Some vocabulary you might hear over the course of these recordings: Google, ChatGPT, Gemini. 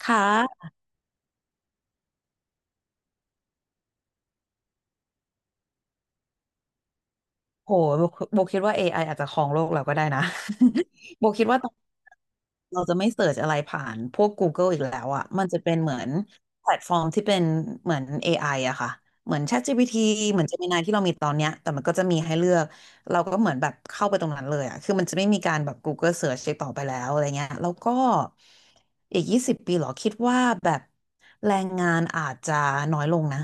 ค่ะ โหโบโบคิดว่า AI อไออาจจะครองโลกเราก็ได้นะ โบคิดว่าตอนเราจะไม่เสิร์ชอะไรผ่านพวก Google อีกแล้วอะมันจะเป็นเหมือนแพลตฟอร์มที่เป็นเหมือน AI อไออะค่ะเหมือน ChatGPT เหมือน Gemini ที่เรามีตอนเนี้ยแต่มันก็จะมีให้เลือกเราก็เหมือนแบบเข้าไปตรงนั้นเลยอะคือมันจะไม่มีการแบบ Google Search อีกต่อไปแล้วอะไรเงี้ยแล้วก็อีกยี่สิบปีเหรอคิดว่าแบบแรงงานอาจจะน้อยลงนะ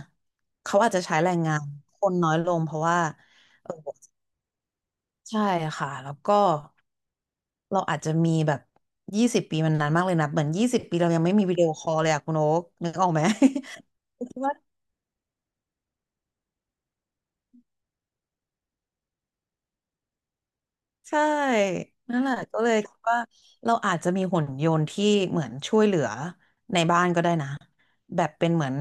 เขาอาจจะใช้แรงงานคนน้อยลงเพราะว่า ใช่ค่ะแล้วก็เราอาจจะมีแบบยี่สิบปีมันนานมากเลยนะเหมือนยี่สิบปีเรายังไม่มีวิดีโอคอลเลยอะคุณโอ๊กนึกออกไหม คิดว่าใช่นั่นแหละก็เลยคิดว่าเราอาจจะมีหุ่นยนต์ที่เหมือนช่วยเหลือในบ้านก็ได้นะแบบเป็นเหมือน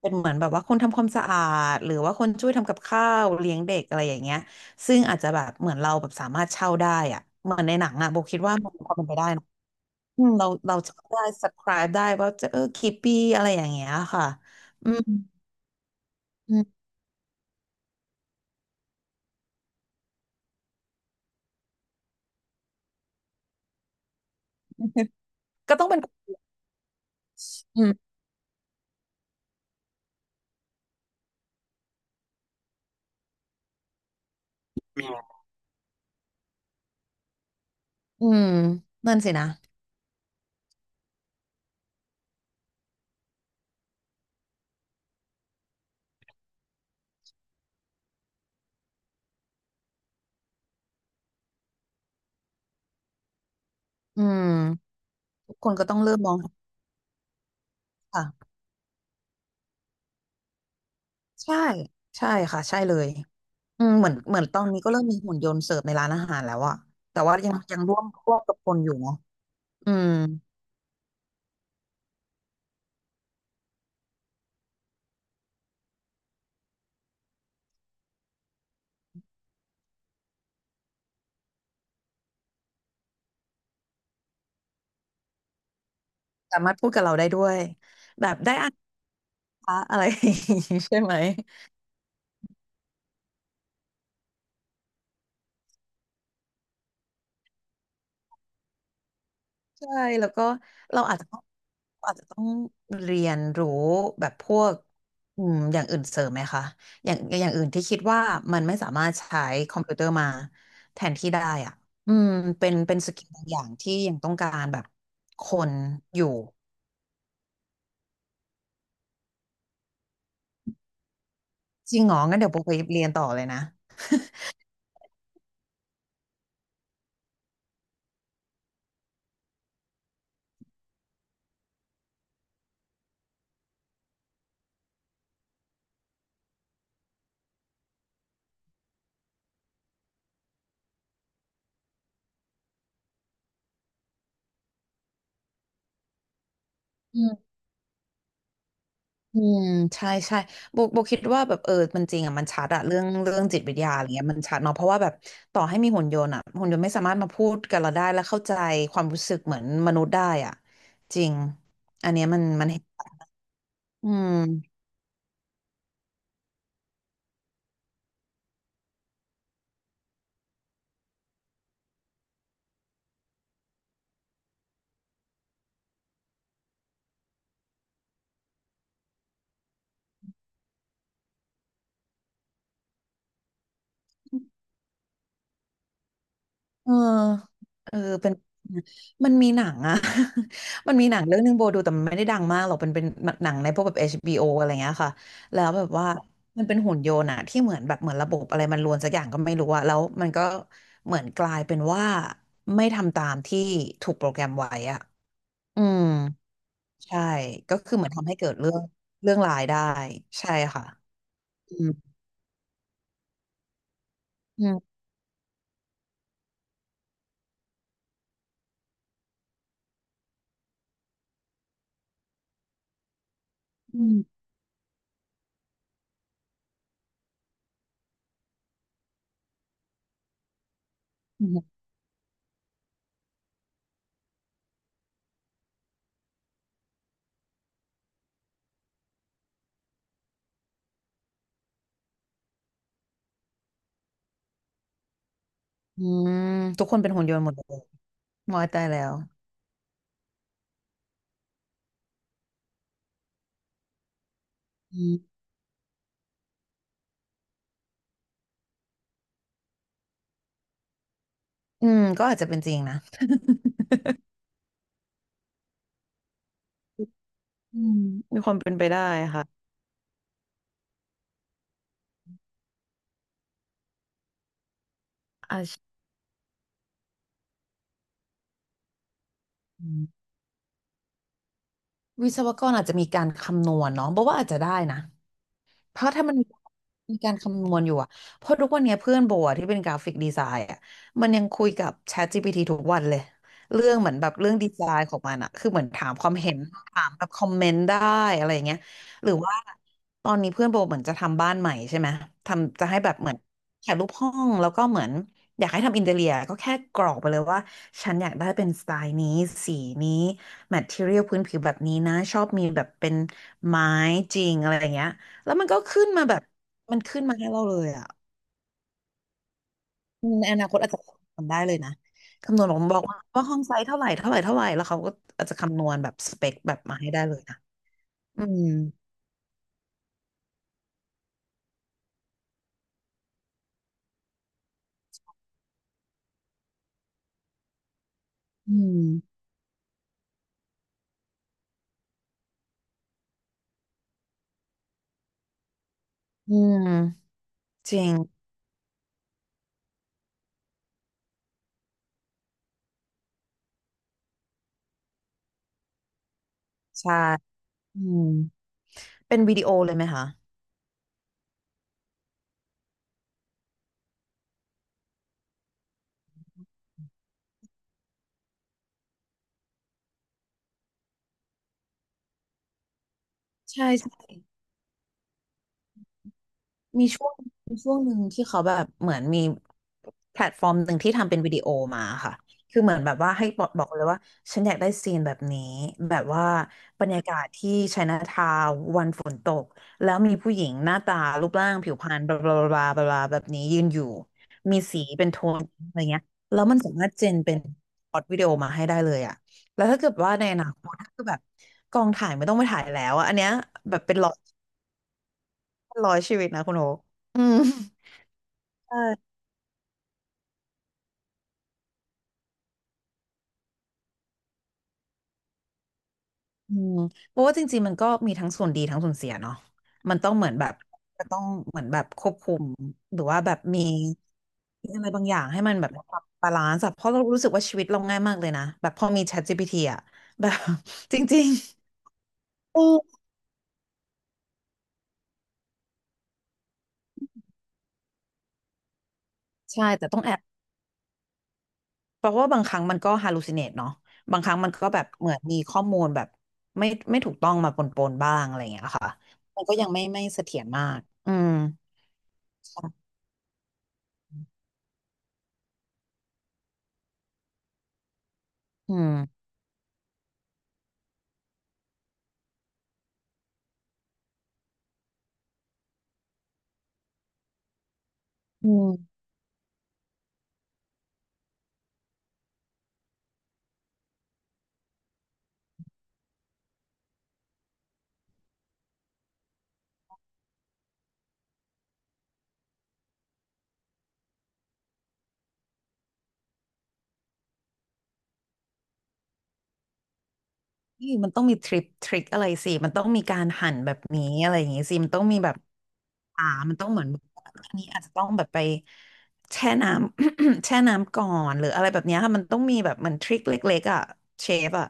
แบบว่าคนทำความสะอาดหรือว่าคนช่วยทำกับข้าวเลี้ยงเด็กอะไรอย่างเงี้ยซึ่งอาจจะแบบเหมือนเราแบบสามารถเช่าได้อะเหมือนในหนังอะโบคิดว่ามันมีความเป็นไปได้ อืมเราเราจะได้ subscribe ได้ว่าจะเออกี่ปีอะไรอย่างเงี้ยค่ะอืมอืม ก็ต้องเป็นอืมอืมนั่นสินะอืมทุกคนก็ต้องเริ่มมองค่ะใช่ใช่ค่ะใช่เลยอืมเหมือนเหมือนตอนนี้ก็เริ่มมีหุ่นยนต์เสิร์ฟในร้านอาหารแล้วอะแต่ว่ายังยังร่วมร่วมกับคนอยู่เนาะอืมสามารถพูดกับเราได้ด้วยแบบได้อ่านคะอะไรอย่างงี้ ใช่ไหม ใช่แล้วก็เราอาจจะต้องอาจจะต้องเรียนรู้แบบพวกอืมอย่างอื่นเสริมไหมคะอย่างอย่างอื่นที่คิดว่ามันไม่สามารถใช้คอมพิวเตอร์มาแทนที่ได้อ่ะอืมเป็นสกิลบางอย่างที่ยังต้องการแบบคนอยู่จริงเหรองั้นเดี๋ยวโบไปเรียนต่อเลยนะ อืม อืมใช่ใช่โบคิดว่าแบบเออมันจริงอ่ะมันชัดอะเรื่องจิตวิทยาอะไรเงี้ยมันชัดเนาะเพราะว่าแบบต่อให้มีหุ่นยนต์อะหุ่นยนต์ไม่สามารถมาพูดกับเราได้และเข้าใจความรู้สึกเหมือนมนุษย์ได้อ่ะจริงอันเนี้ยมันมันเห็นอืม เออเออเป็นมันมีหนังอะ มันมีหนังเรื่องนึงโบดูแต่มันไม่ได้ดังมากหรอกเป็นเป็นหนังในพวกแบบเอชบี o ออะไรเงี้ยค่ะแล้วแบบว่ามันเป็นหุ่นยนต์อะที่เหมือนแบบเหมือนระบบอะไรมันรวนสักอย่างก็ไม่รู้อะแล้วมันก็เหมือนกลายเป็นว่าไม่ทำตามที่ถูกโปรแกรมไว้อะอืมใช่ก็คือเหมือนทำให้เกิดเรื่องร้ายได้ใช่ค่ะอืมอืมอืมอืมอืมทุกคนเป็นหุ่นยนต์หมดเลยมอยตายแล้ว อืมก็อาจจะเป็นจริงนะอืมมีความเป็นไปได้ค่ะอาชีพวิศวกรอาจจะมีการคำนวณเนาะบอกว่าอาจจะได้นะ เพราะถ้ามันมีการคำนวณอยู่อะเพราะทุกวันเนี้ยเพื่อนโบอะที่เป็นกราฟิกดีไซน์อะมันยังคุยกับ ChatGPT ทุกวันเลย เรื่องเหมือนแบบเรื่องดีไซน์ของมันอะคือเหมือนถามความเห็น ถามแบบคอมเมนต์ได้อะไรอย่างเงี้ยหรือว่าตอนนี้เพื่อนโบเหมือนจะทำบ้านใหม่ใช่ไหมทำจะให้แบบเหมือนถ่ายรูปห้องแล้วก็เหมือนอยากให้ทำอินเทีเรียก็แค่กรอกไปเลยว่าฉันอยากได้เป็นสไตล์นี้สีนี้แมทเทอเรียลพื้นผิวแบบนี้นะชอบมีแบบเป็นไม้จริงอะไรอย่างเงี้ย แล้วมันก็ขึ้นมาแบบมันขึ้นมาให้เราเลยอ่ะในอนาคตอาจจะทำได้เลยนะคำนวณผมบอกว่าห้องไซส์เท่าไหร่แล้วเขาก็อาจจะคำนวณแบบสเปคแบบมาให้ได้เลยนะอืมอืมอืมจริงใช่อืมเป็นวิดีโอเลยไหมคะใช่ใช่ มีช่วงมีช่วงหนึ่งที่เขาแบบเหมือนมีแพลตฟอร์มหนึ่งที่ทำเป็นวิดีโอมาค่ะคือเหมือนแบบว่าให้บอกเลยว่าฉันอยากได้ซีนแบบนี้แบบว่าบรรยากาศที่ไชน่าทาวน์วันฝนตกแล้วมีผู้หญิงหน้าตารูปร่างผิวพรรณบลาบลาบลาบลาบลาแบบนี้ยืนอยู่มีสีเป็นโทนอะไรเงี้ยแล้วมันสามารถเจนเป็นพล็อรตวิดีโอมาให้ได้เลยอะแล้วถ้าเกิดว่าในอนาคตถ้าเกิดแบบกองถ่ายไม่ต้องไปถ่ายแล้วอะอันเนี้ยแบบเป็นร้อยร้อยชีวิตนะคุณโออืม ใช่อืมเพราะว่าจริงๆมันก็มีทั้งส่วนดีทั้งส่วนเสียเนาะมันต้องเหมือนแบบจะต้องเหมือนแบบควบคุมหรือว่าแบบมีอะไรบางอย่างให้มันแบบปรับบาลานซ์อะเพราะเรารู้สึกว่าชีวิตเราง่ายมากเลยนะแบบพอมี ChatGPT อะแบบ จริงๆเออใช่แต่ต้องแอบเพราะว่าบางครั้งมันก็ hallucinate เนาะบางครั้งมันก็แบบเหมือนมีข้อมูลแบบไม่ถูกต้องมาปนๆบ้างอะไรอย่างเงี้ยค่ะมันก็ยังไม่เสถียรมากอืมใช่อืมอืม นี่มันต้องมีทริปทริคอะไรสิ มันต้องมีการหั่นแบบนี้อะไรอย่างงี้สิมันต้องมีแบบอ่ามันต้องเหมือนอันนี้อาจจะต้องแบบไปแช่น้ำ แช่น้ำก่อนหรืออะไรแบบเนี้ยค่ะมันต้องมีแบบเหมือนทริคเล็กๆอ่ะเชฟอ่ะ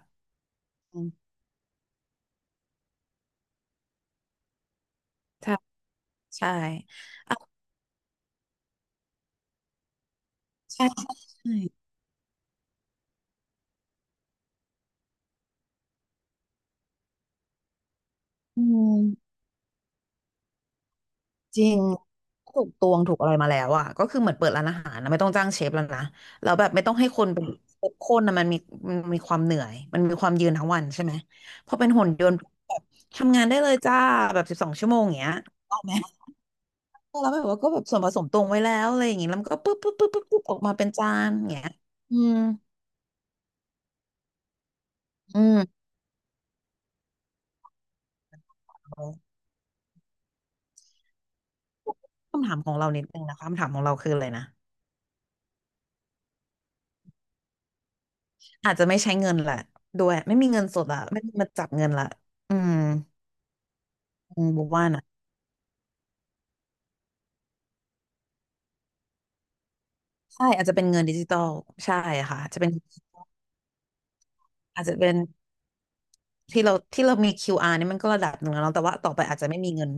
อืมใช่ใช่อ่ะใช่ใช่อืม จริงถูกตวงถูกอะไรมาแล้วอ่ะก็คือเหมือนเปิดร้านอาหารนะไม่ต้องจ้างเชฟแล้วนะแล้วแบบไม่ต้องให้คนเป็นเชฟคนนะมันมีความเหนื่อยมันมีความยืนทั้งวันใช่ไหมพอเป็นหุ่นยนต์แบบทำงานได้เลยจ้าแบบ12 ชั่วโมงอย่างเงี้ยออกไหมแล้วแบบว่าก็แบบส่วนผสมตวงไว้แล้วอะไรอย่างงี้แล้วมันก็ปุ๊บปุ๊บปุ๊บปุ๊บปุ๊บออกมาเป็นจานอย่างเงี้ยอืมอืมคำถามของเรานิดนึงนะคะคำถามของเราคืออะไรนะอาจจะไม่ใช้เงินแหละด้วยไม่มีเงินสดอะไม่มีมาจับเงินละอืมอืมบอกว่านะ ใช่อาจจะเป็นเงินดิจิตอลใช่ค่ะอาจจะเป็นที่เรามี QR นี่มันก็ระดับหนึ่งแล้วเนาะแต่ว่าต่อไปอาจจะไม่มีเงิน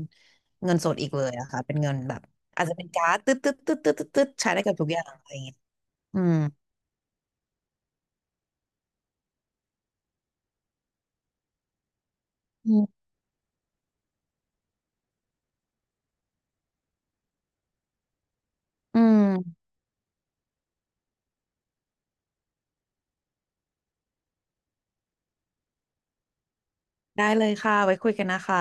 เงินสดอีกเลยอะค่ะเป็นเงินแบบอาจจะเป็นการ์ดตึ๊ดตึ๊ดตึ๊ดตึ๊ดตึ๊ดตึ๊ดใช้ได้กับทุกอย่างอะไรอย่างเงี้ยอืมอืมอืมได้เลยค่ะไว้คุยกันนะคะ